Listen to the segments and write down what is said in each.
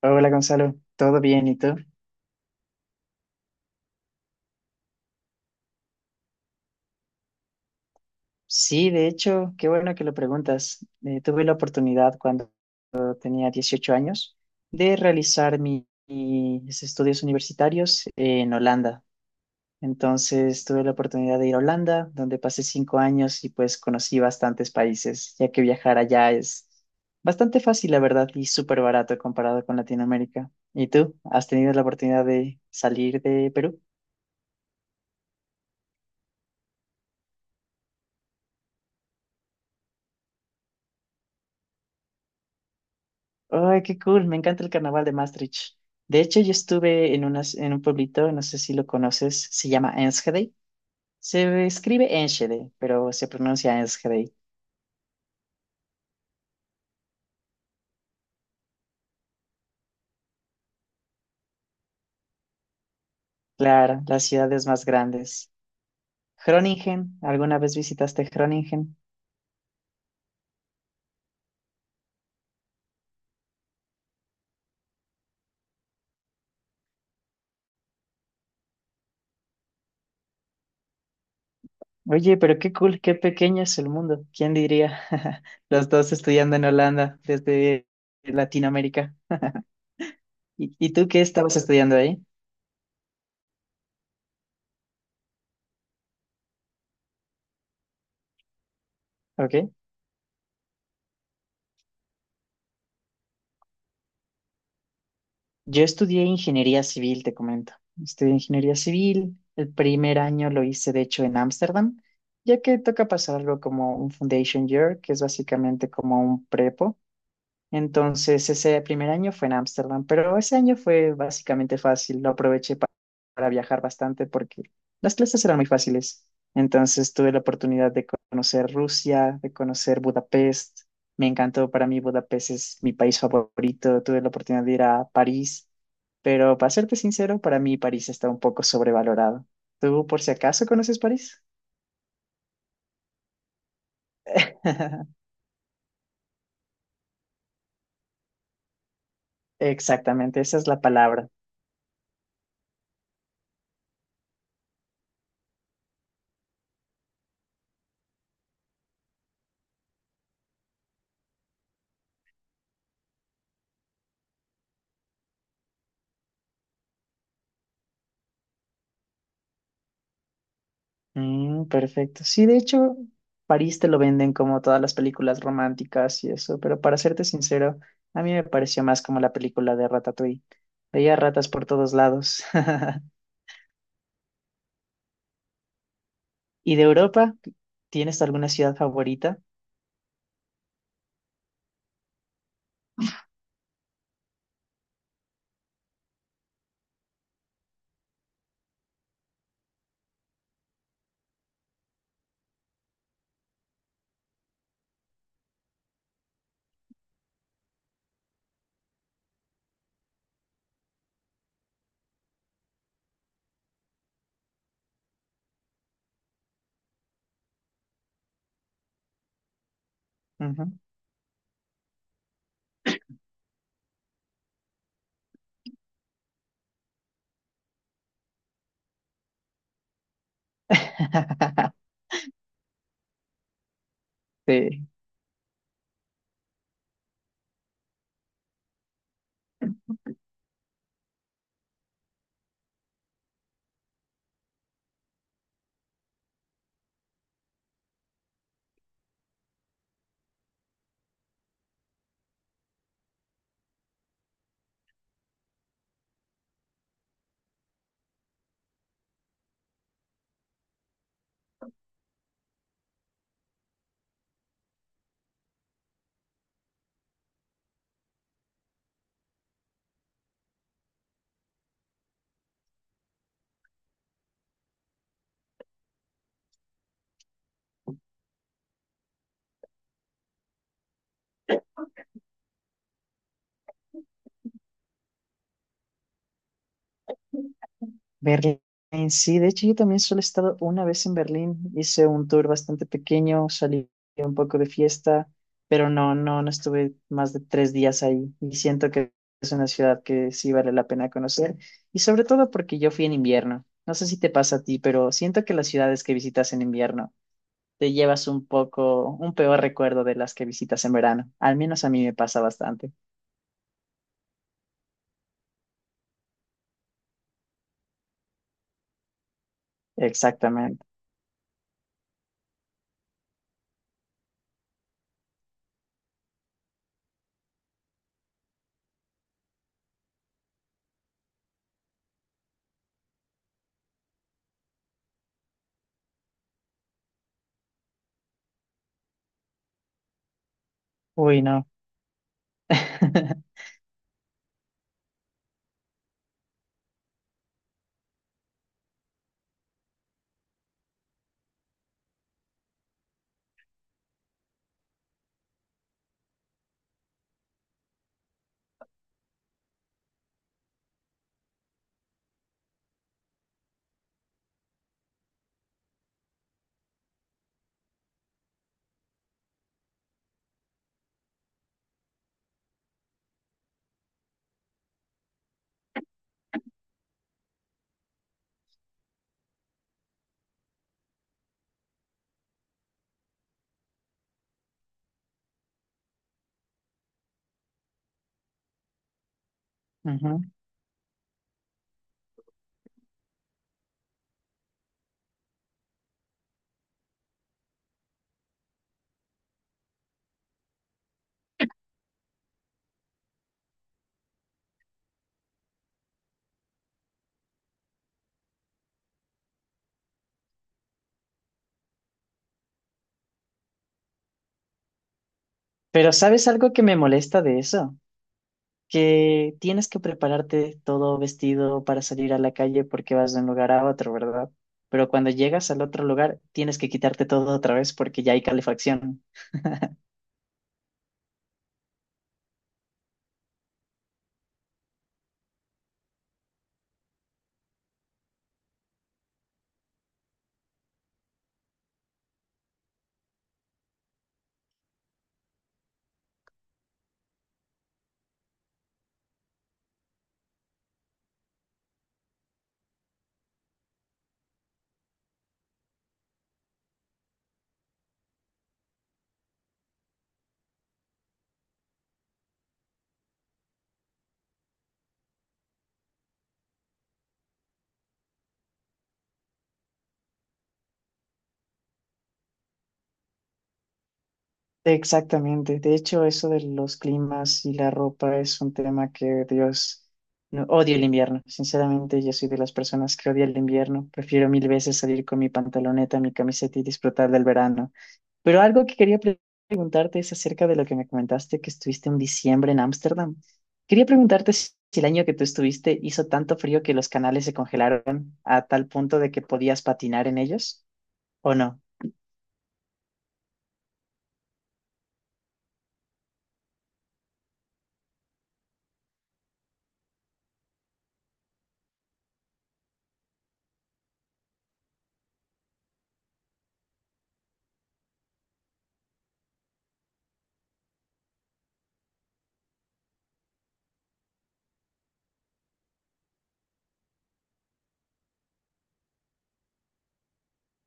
Hola Gonzalo, ¿todo bien? ¿Y tú? Sí, de hecho, qué bueno que lo preguntas. Tuve la oportunidad cuando tenía 18 años de realizar mis estudios universitarios en Holanda. Entonces tuve la oportunidad de ir a Holanda, donde pasé 5 años y pues conocí bastantes países, ya que viajar allá es bastante fácil, la verdad, y súper barato comparado con Latinoamérica. ¿Y tú? ¿Has tenido la oportunidad de salir de Perú? Ay, qué cool, me encanta el carnaval de Maastricht. De hecho, yo estuve en, en un pueblito, no sé si lo conoces, se llama Enschede. Se escribe Enschede, pero se pronuncia Enschede. Claro, las ciudades más grandes. Groningen, ¿alguna vez visitaste Groningen? Oye, pero qué cool, qué pequeño es el mundo. ¿Quién diría? Los dos estudiando en Holanda desde Latinoamérica. ¿Y tú qué estabas estudiando ahí? ¿Ok? Yo estudié ingeniería civil, te comento. Estudié ingeniería civil. El primer año lo hice, de hecho, en Ámsterdam, ya que toca pasar algo como un foundation year, que es básicamente como un prepo. Entonces, ese primer año fue en Ámsterdam, pero ese año fue básicamente fácil. Lo aproveché para viajar bastante porque las clases eran muy fáciles. Entonces, tuve la oportunidad de conocer Rusia, de conocer Budapest. Me encantó, para mí Budapest es mi país favorito. Tuve la oportunidad de ir a París, pero para serte sincero, para mí París está un poco sobrevalorado. ¿Tú por si acaso conoces París? Exactamente, esa es la palabra. Mm, perfecto. Sí, de hecho, París te lo venden como todas las películas románticas y eso, pero para serte sincero, a mí me pareció más como la película de Ratatouille. Veía ratas por todos lados. ¿Y de Europa? ¿Tienes alguna ciudad favorita? Ujú. Sí. Berlín, sí, de hecho yo también solo he estado una vez en Berlín, hice un tour bastante pequeño, salí un poco de fiesta, pero no estuve más de 3 días ahí y siento que es una ciudad que sí vale la pena conocer y sobre todo porque yo fui en invierno. No sé si te pasa a ti, pero siento que las ciudades que visitas en invierno te llevas un poco, un peor recuerdo de las que visitas en verano. Al menos a mí me pasa bastante. Exactamente. Uy, no. Ujú. Pero ¿sabes algo que me molesta de eso? Que tienes que prepararte todo vestido para salir a la calle porque vas de un lugar a otro, ¿verdad? Pero cuando llegas al otro lugar, tienes que quitarte todo otra vez porque ya hay calefacción. Exactamente. De hecho, eso de los climas y la ropa es un tema que, Dios, odio el invierno. Sinceramente, yo soy de las personas que odia el invierno. Prefiero mil veces salir con mi pantaloneta, mi camiseta y disfrutar del verano. Pero algo que quería preguntarte es acerca de lo que me comentaste que estuviste en diciembre en Ámsterdam. Quería preguntarte si el año que tú estuviste hizo tanto frío que los canales se congelaron a tal punto de que podías patinar en ellos o no.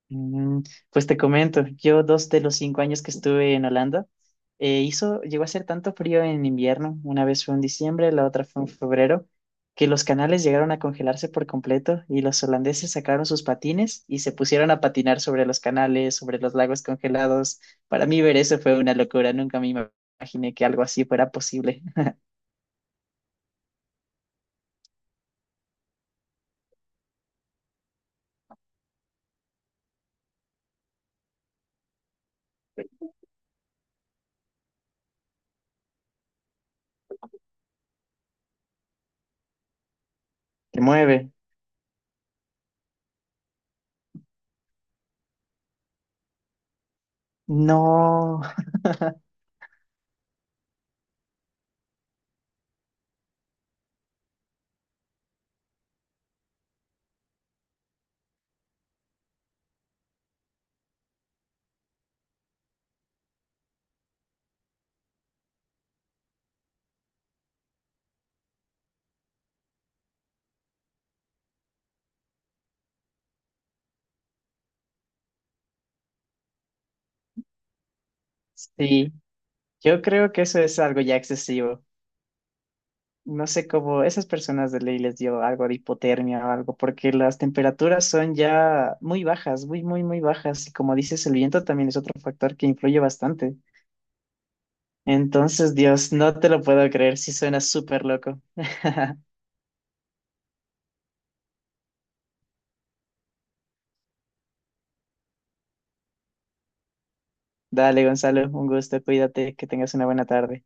Mm, pues te comento, yo dos de los 5 años que estuve en Holanda, hizo, llegó a hacer tanto frío en invierno, una vez fue en diciembre, la otra fue en febrero, que los canales llegaron a congelarse por completo y los holandeses sacaron sus patines y se pusieron a patinar sobre los canales, sobre los lagos congelados. Para mí ver eso fue una locura, nunca imaginé que algo así fuera posible. Te mueve. No, sí, yo creo que eso es algo ya excesivo. No sé cómo esas personas de ley les dio algo de hipotermia o algo, porque las temperaturas son ya muy bajas, muy, muy, muy bajas. Y como dices, el viento también es otro factor que influye bastante. Entonces, Dios, no te lo puedo creer, sí suena súper loco. Dale, Gonzalo, un gusto, cuídate, que tengas una buena tarde.